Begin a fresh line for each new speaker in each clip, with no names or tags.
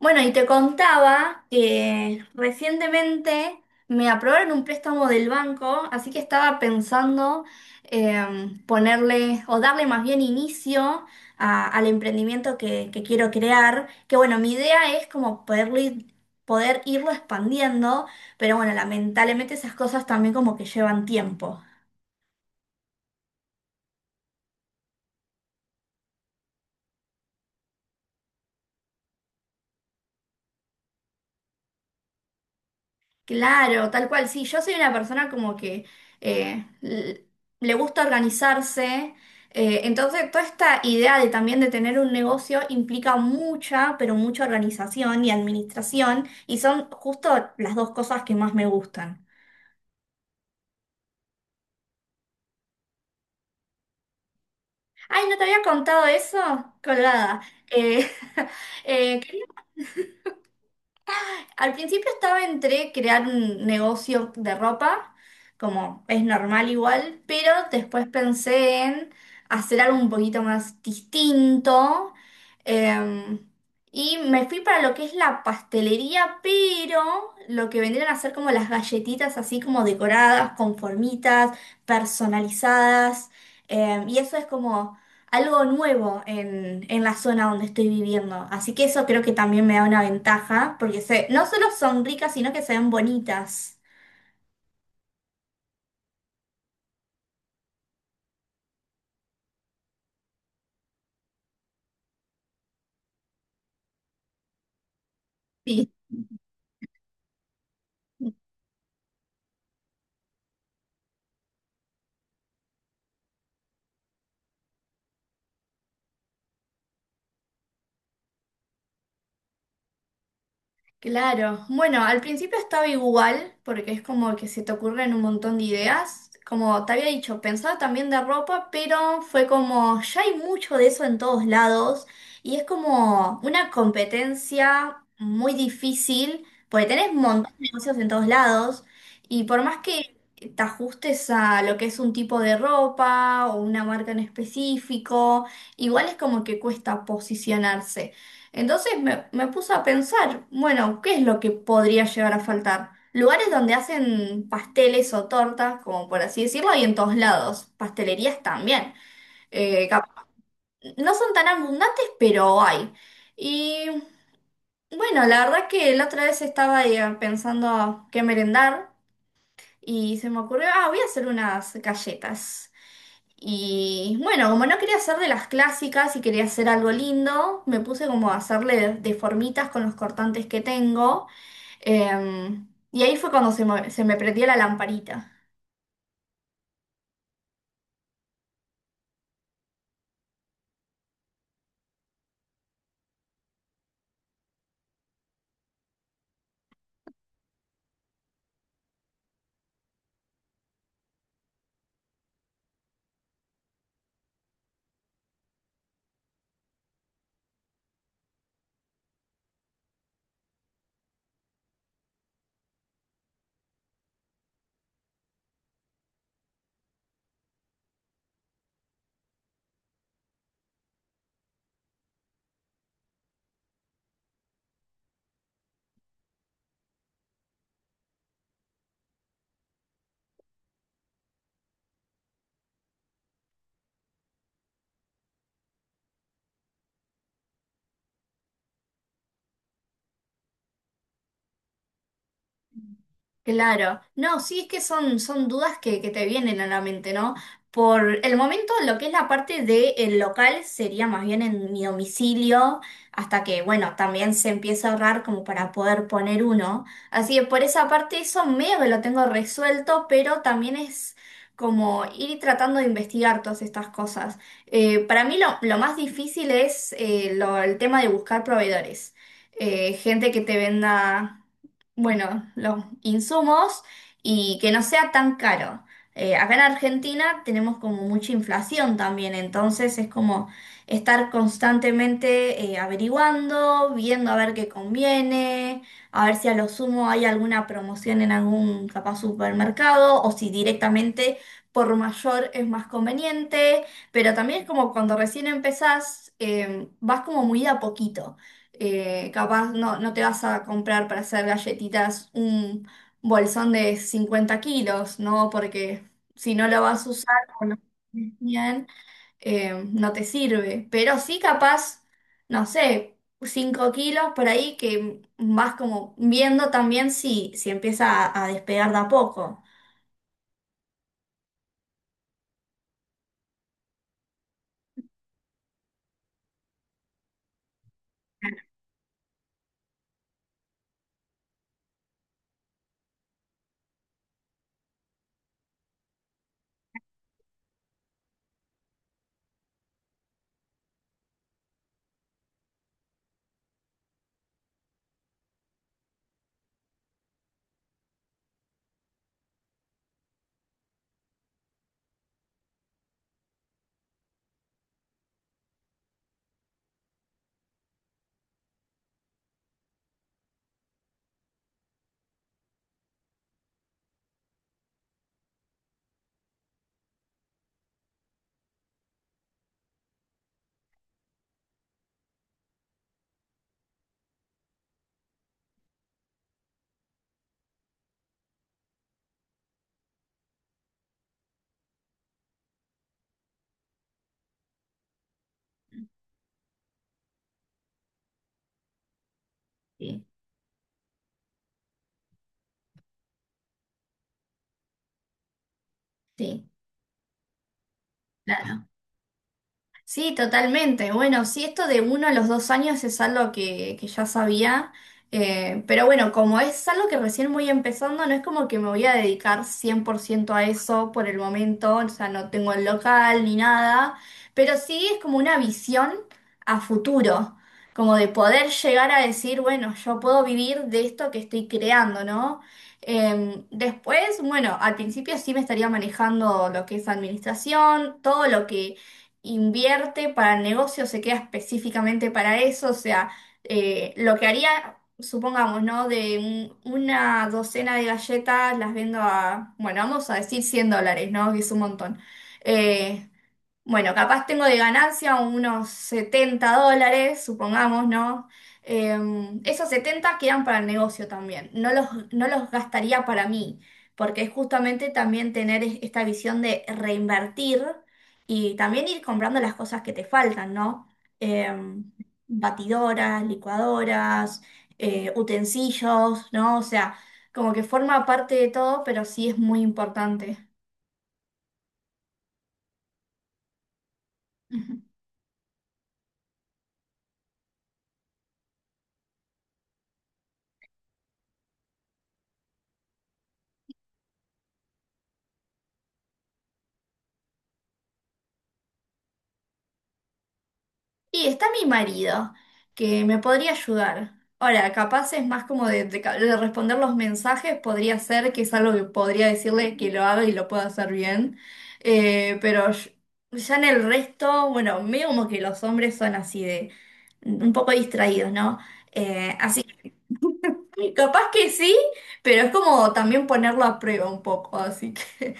Bueno, y te contaba que recientemente me aprobaron un préstamo del banco, así que estaba pensando, ponerle o darle más bien inicio al emprendimiento que quiero crear, que bueno, mi idea es como poder irlo expandiendo, pero bueno, lamentablemente esas cosas también como que llevan tiempo. Claro, tal cual, sí, yo soy una persona como que eh, l- le gusta organizarse, entonces toda esta idea de también de tener un negocio implica mucha, pero mucha organización y administración, y son justo las dos cosas que más me gustan. Ay, no te había contado eso, colgada. Eh, eh, Al principio estaba entre crear un negocio de ropa, como es normal igual, pero después pensé en hacer algo un poquito más distinto. eh, y me fui para lo que es la pastelería, pero lo que vendrían a ser como las galletitas así como decoradas, con formitas, personalizadas. Y eso es como algo nuevo en la zona donde estoy viviendo. Así que eso creo que también me da una ventaja, porque se, no solo son ricas, sino que se ven bonitas. Claro, bueno, al principio estaba igual, porque es como que se te ocurren un montón de ideas. Como te había dicho, pensaba también de ropa, pero fue como, ya hay mucho de eso en todos lados, y es como una competencia muy difícil, porque tenés un montón de negocios en todos lados, y por más que te ajustes a lo que es un tipo de ropa o una marca en específico, igual es como que cuesta posicionarse. Entonces me puse a pensar, bueno, ¿qué es lo que podría llegar a faltar? Lugares donde hacen pasteles o tortas, como por así decirlo, hay en todos lados. Pastelerías también. Eh, cap- no son tan abundantes, pero hay. Y bueno, la verdad que la otra vez estaba, pensando qué merendar y se me ocurrió, ah, voy a hacer unas galletas. Y bueno, como no quería hacer de las clásicas y quería hacer algo lindo, me puse como a hacerle de con los cortantes que tengo. Y ahí fue cuando se me prendió la lamparita. Claro, no, sí es que son dudas que te vienen a la mente, ¿no? Por el momento lo que es la parte del local sería más bien en mi domicilio, hasta que, bueno, también se empieza a ahorrar como para poder poner uno. Así que por esa parte eso medio que lo tengo resuelto, pero también es como ir tratando de investigar todas estas cosas. Para mí lo más difícil es el tema de buscar proveedores. Gente que te venda. Bueno, los insumos, y que no sea tan caro. Acá en Argentina tenemos como mucha inflación también, entonces es como estar constantemente, averiguando, viendo a ver qué conviene, a ver si a lo sumo hay alguna promoción en algún capaz supermercado o si directamente por mayor es más conveniente, pero también es como cuando recién empezás, vas como muy de a poquito. Capaz no te vas a comprar para hacer galletitas un bolsón de 50 kilos, ¿no? Porque si no lo vas a usar o no bien, no te sirve. Pero sí capaz, no sé, 5 kilos por ahí que vas como viendo también si, si empieza a despegar de a poco. Sí, sí. La- Sí, totalmente. Bueno, sí, esto de uno a los 2 años es algo que ya sabía, pero bueno, como es algo que recién voy empezando, no es como que me voy a dedicar 100% a eso por el momento, o sea, no tengo el local ni nada, pero sí es como una visión a futuro, como de poder llegar a decir, bueno, yo puedo vivir de esto que estoy creando, ¿no? Em, después, bueno, al principio sí me estaría manejando lo que es administración, todo lo que invierte para el negocio, se queda específicamente para eso, o sea, lo que haría, supongamos, ¿no? Una docena de galletas las vendo a, bueno, vamos a decir $100, ¿no? Que es un montón. Eh, bueno, capaz tengo de ganancia unos $70, supongamos, ¿no? Eh, Esos 70 quedan para el negocio también. No los gastaría para mí, porque es justamente también tener esta visión de reinvertir y también ir comprando las cosas que te faltan, ¿no? Eh, Batidoras, licuadoras, utensilios, ¿no? O sea, como que forma parte de todo, pero sí es muy importante. Y está mi marido, que me podría ayudar. Ahora, capaz es más como de responder los mensajes, podría ser que es algo que podría decirle que lo haga y lo pueda hacer bien. Eh, pero yo- ya en el resto, bueno, medio como que los hombres son así de un poco distraídos, ¿no? Así que capaz que sí, pero es como también ponerlo a prueba un poco, así que...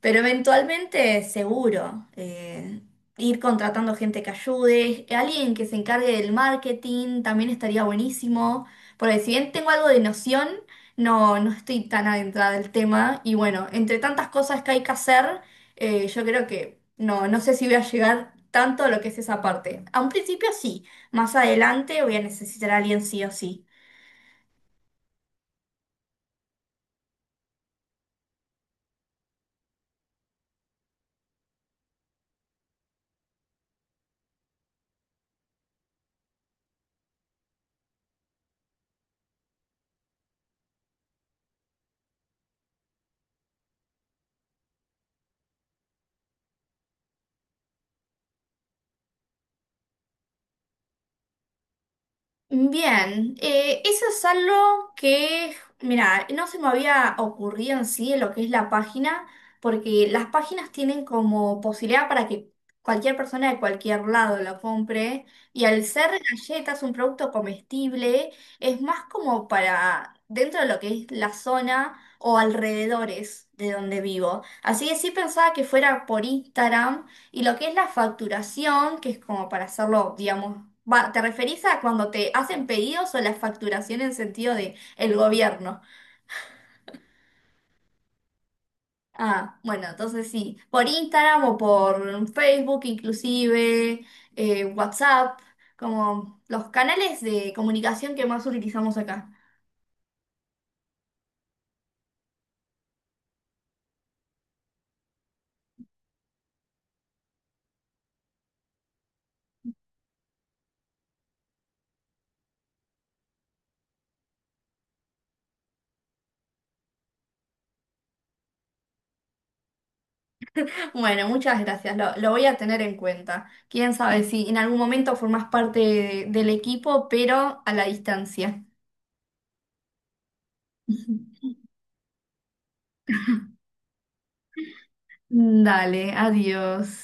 Pero eventualmente, seguro, ir contratando gente que ayude, alguien que se encargue del marketing también estaría buenísimo, porque si bien tengo algo de noción, no estoy tan adentrada del tema y bueno, entre tantas cosas que hay que hacer, yo creo que no sé si voy a llegar tanto a lo que es esa parte. A un principio sí, más adelante voy a necesitar a alguien sí o sí. Bien, eso es algo que, mira, no se me había ocurrido en sí en lo que es la página, porque las páginas tienen como posibilidad para que cualquier persona de cualquier lado lo compre, y al ser galletas, un producto comestible, es más como para dentro de lo que es la zona o alrededores de donde vivo. Así que sí pensaba que fuera por Instagram, y lo que es la facturación, que es como para hacerlo, digamos, va, ¿te referís a cuando te hacen pedidos o la facturación en sentido de el gobierno? Ah, bueno, entonces sí, por Instagram o por Facebook inclusive, WhatsApp, como los canales de comunicación que más utilizamos acá. Bueno, muchas gracias, lo voy a tener en cuenta. Quién sabe si en algún momento formás parte del equipo, pero a la distancia. Dale, adiós.